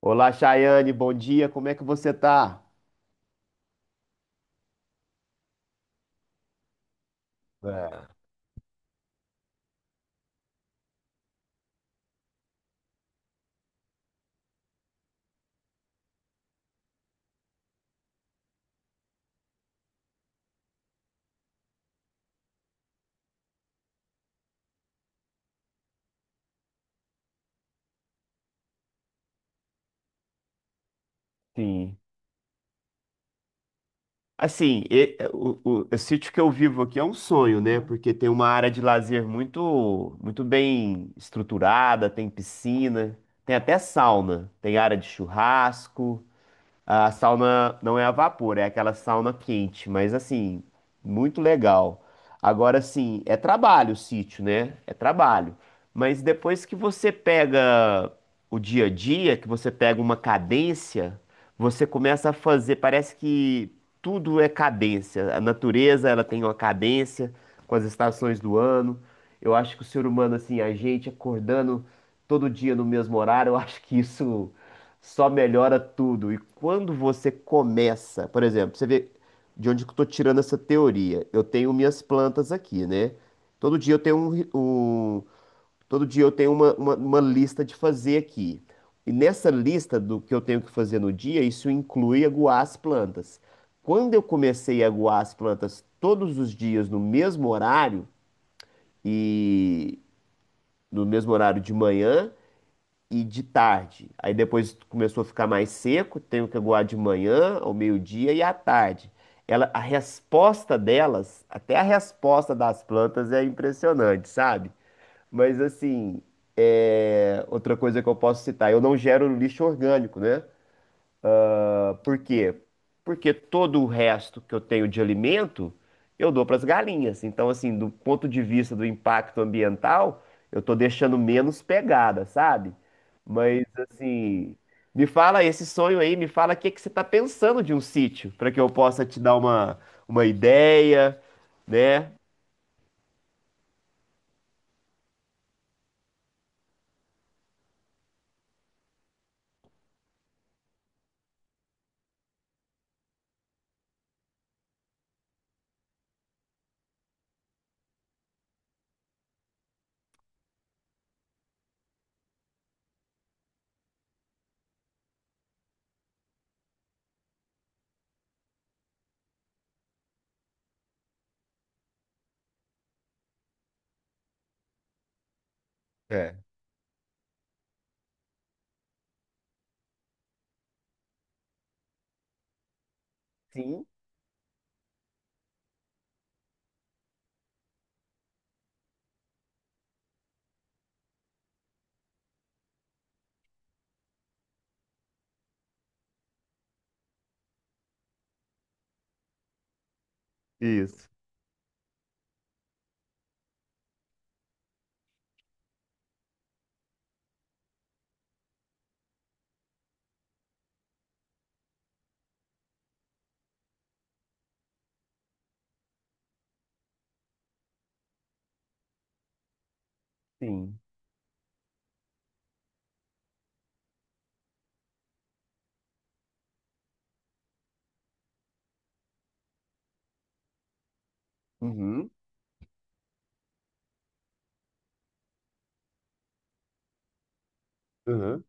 Olá, Chayane, bom dia, como é que você tá? É. Sim. Assim, o sítio que eu vivo aqui é um sonho, né? Porque tem uma área de lazer muito, muito bem estruturada, tem piscina, tem até sauna, tem área de churrasco. A sauna não é a vapor, é aquela sauna quente, mas assim, muito legal. Agora sim, é trabalho o sítio, né? É trabalho. Mas depois que você pega o dia a dia, que você pega uma cadência, você começa a fazer, parece que tudo é cadência. A natureza, ela tem uma cadência com as estações do ano. Eu acho que o ser humano, assim, a gente acordando todo dia no mesmo horário, eu acho que isso só melhora tudo. E quando você começa, por exemplo, você vê de onde que eu estou tirando essa teoria. Eu tenho minhas plantas aqui, né? Todo dia eu tenho um, ri- um- Todo dia eu tenho uma lista de fazer aqui. E nessa lista do que eu tenho que fazer no dia, isso inclui aguar as plantas. Quando eu comecei a aguar as plantas todos os dias no mesmo horário e no mesmo horário de manhã, e de tarde. Aí depois começou a ficar mais seco, tenho que aguar de manhã, ao meio-dia e à tarde. Ela, a resposta delas, até a resposta das plantas é impressionante, sabe? Mas assim, é, outra coisa que eu posso citar, eu não gero lixo orgânico, né? Por quê? Porque todo o resto que eu tenho de alimento eu dou para as galinhas. Então, assim, do ponto de vista do impacto ambiental, eu estou deixando menos pegada, sabe? Mas, assim, me fala esse sonho aí, me fala o que que você está pensando de um sítio, para que eu possa te dar uma ideia, né? É. Sim. Isso. Sim. Uhum. Uhum.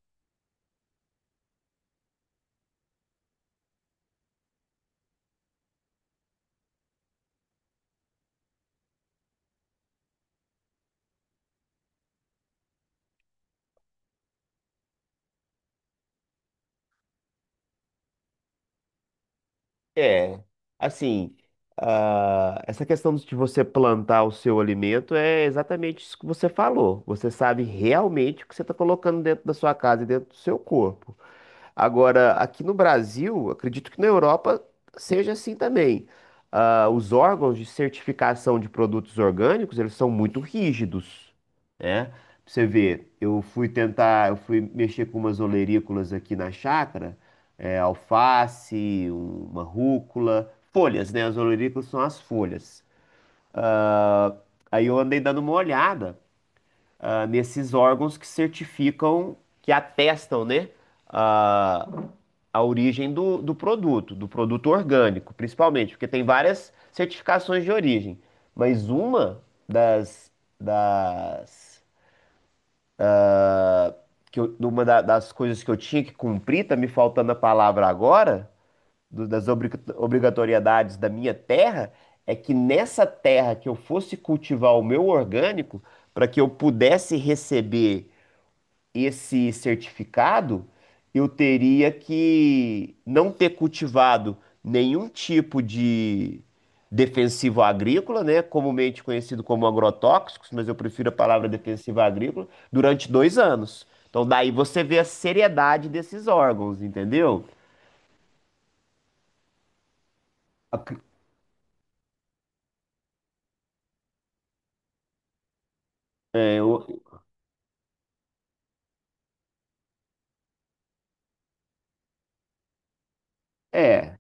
É, assim, essa questão de você plantar o seu alimento é exatamente isso que você falou. Você sabe realmente o que você está colocando dentro da sua casa e dentro do seu corpo. Agora, aqui no Brasil, acredito que na Europa seja assim também. Ah, os órgãos de certificação de produtos orgânicos, eles são muito rígidos, né? Pra você vê, eu fui tentar, eu fui mexer com umas olerícolas aqui na chácara, é, alface, uma rúcula, folhas, né? As olerícolas são as folhas. Ah, aí eu andei dando uma olhada nesses órgãos que certificam, que atestam, né, a, a origem do produto orgânico, principalmente, porque tem várias certificações de origem, mas das, das, uma das coisas que eu tinha que cumprir, tá me faltando a palavra agora, das obrigatoriedades da minha terra, é que nessa terra que eu fosse cultivar o meu orgânico, para que eu pudesse receber esse certificado, eu teria que não ter cultivado nenhum tipo de defensivo agrícola, né, comumente conhecido como agrotóxicos, mas eu prefiro a palavra defensiva agrícola, durante 2 anos. Então, daí você vê a seriedade desses órgãos, entendeu? Ac- É, o- é, o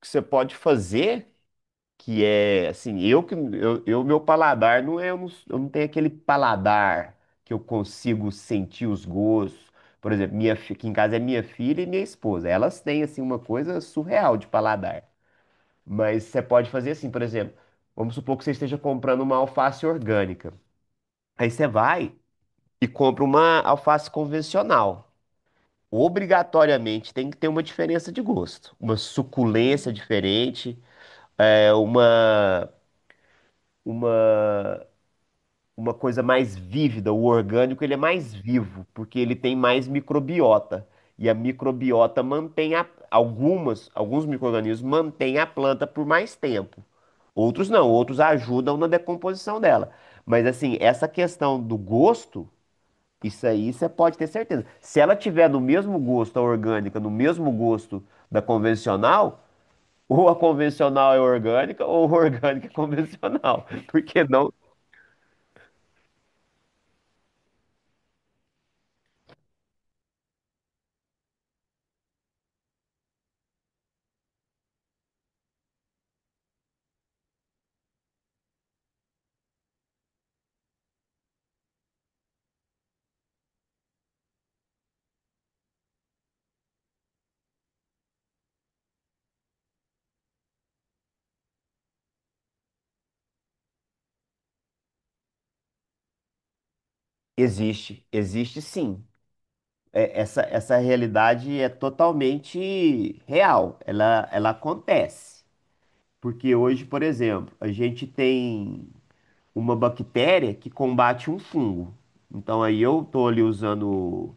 que você pode fazer. Que é assim, eu, meu paladar não é, eu não tenho aquele paladar que eu consigo sentir os gostos. Por exemplo, aqui em casa é minha filha e minha esposa. Elas têm assim uma coisa surreal de paladar. Mas você pode fazer assim, por exemplo, vamos supor que você esteja comprando uma alface orgânica. Aí você vai e compra uma alface convencional. Obrigatoriamente tem que ter uma diferença de gosto, uma suculência diferente, é, uma uma coisa mais vívida, o orgânico ele é mais vivo, porque ele tem mais microbiota. E a microbiota mantém a, algumas, alguns micro-organismos mantêm a planta por mais tempo. Outros não, outros ajudam na decomposição dela. Mas assim, essa questão do gosto, isso aí você pode ter certeza. Se ela tiver no mesmo gosto a orgânica, no mesmo gosto da convencional, ou a convencional é orgânica, ou a orgânica é convencional. Porque não, existe, existe sim. É, essa realidade é totalmente real, ela acontece. Porque hoje, por exemplo, a gente tem uma bactéria que combate um fungo. Então aí eu estou ali usando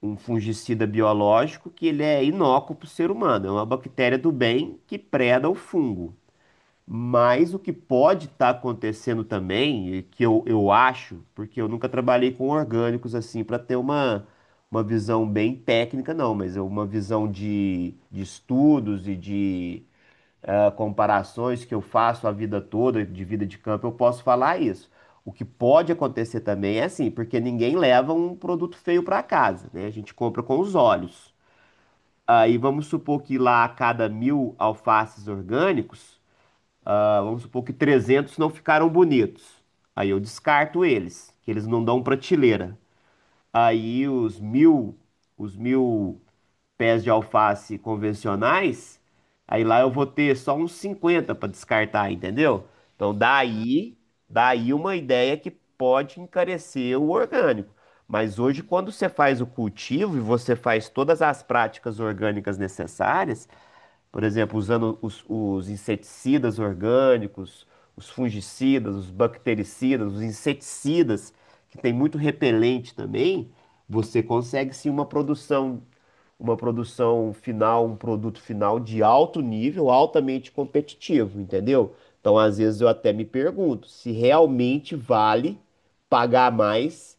um fungicida biológico que ele é inócuo para o ser humano, é uma bactéria do bem que preda o fungo. Mas o que pode estar acontecendo também, e que eu acho, porque eu nunca trabalhei com orgânicos assim para ter uma visão bem técnica, não, mas é uma visão de estudos e de comparações que eu faço a vida toda, de vida de campo, eu posso falar isso. O que pode acontecer também é assim, porque ninguém leva um produto feio para casa, né? A gente compra com os olhos. Aí vamos supor que lá a cada 1.000 alfaces orgânicos vamos supor que 300 não ficaram bonitos. Aí eu descarto eles, que eles não dão prateleira. Aí os 1.000 pés de alface convencionais, aí lá eu vou ter só uns 50 para descartar, entendeu? Então daí, daí uma ideia que pode encarecer o orgânico. Mas hoje, quando você faz o cultivo e você faz todas as práticas orgânicas necessárias, por exemplo, usando os inseticidas orgânicos, os fungicidas, os bactericidas, os inseticidas, que tem muito repelente também, você consegue sim uma produção final, um produto final de alto nível, altamente competitivo, entendeu? Então, às vezes eu até me pergunto se realmente vale pagar mais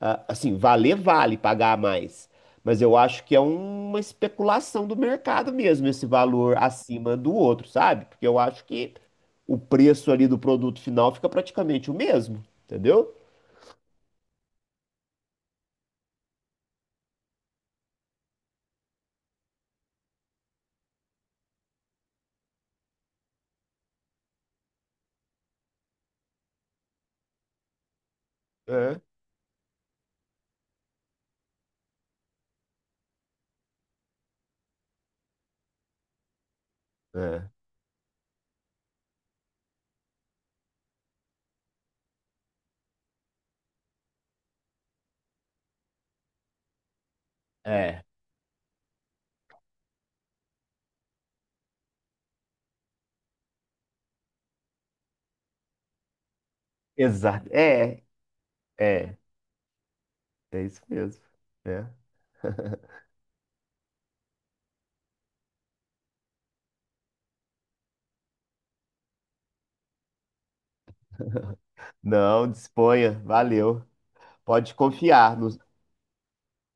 assim, valer vale pagar mais, mas eu acho que é uma especulação do mercado mesmo, esse valor acima do outro, sabe? Porque eu acho que o preço ali do produto final fica praticamente o mesmo, entendeu? É. É, é, exato. É, é isso mesmo. É. Não, disponha, valeu. Pode confiar nos,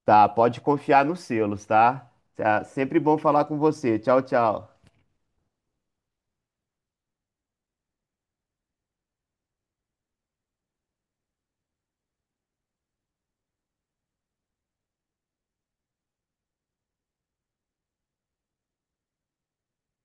tá? Pode confiar nos selos, tá? Tá, sempre bom falar com você. Tchau, tchau.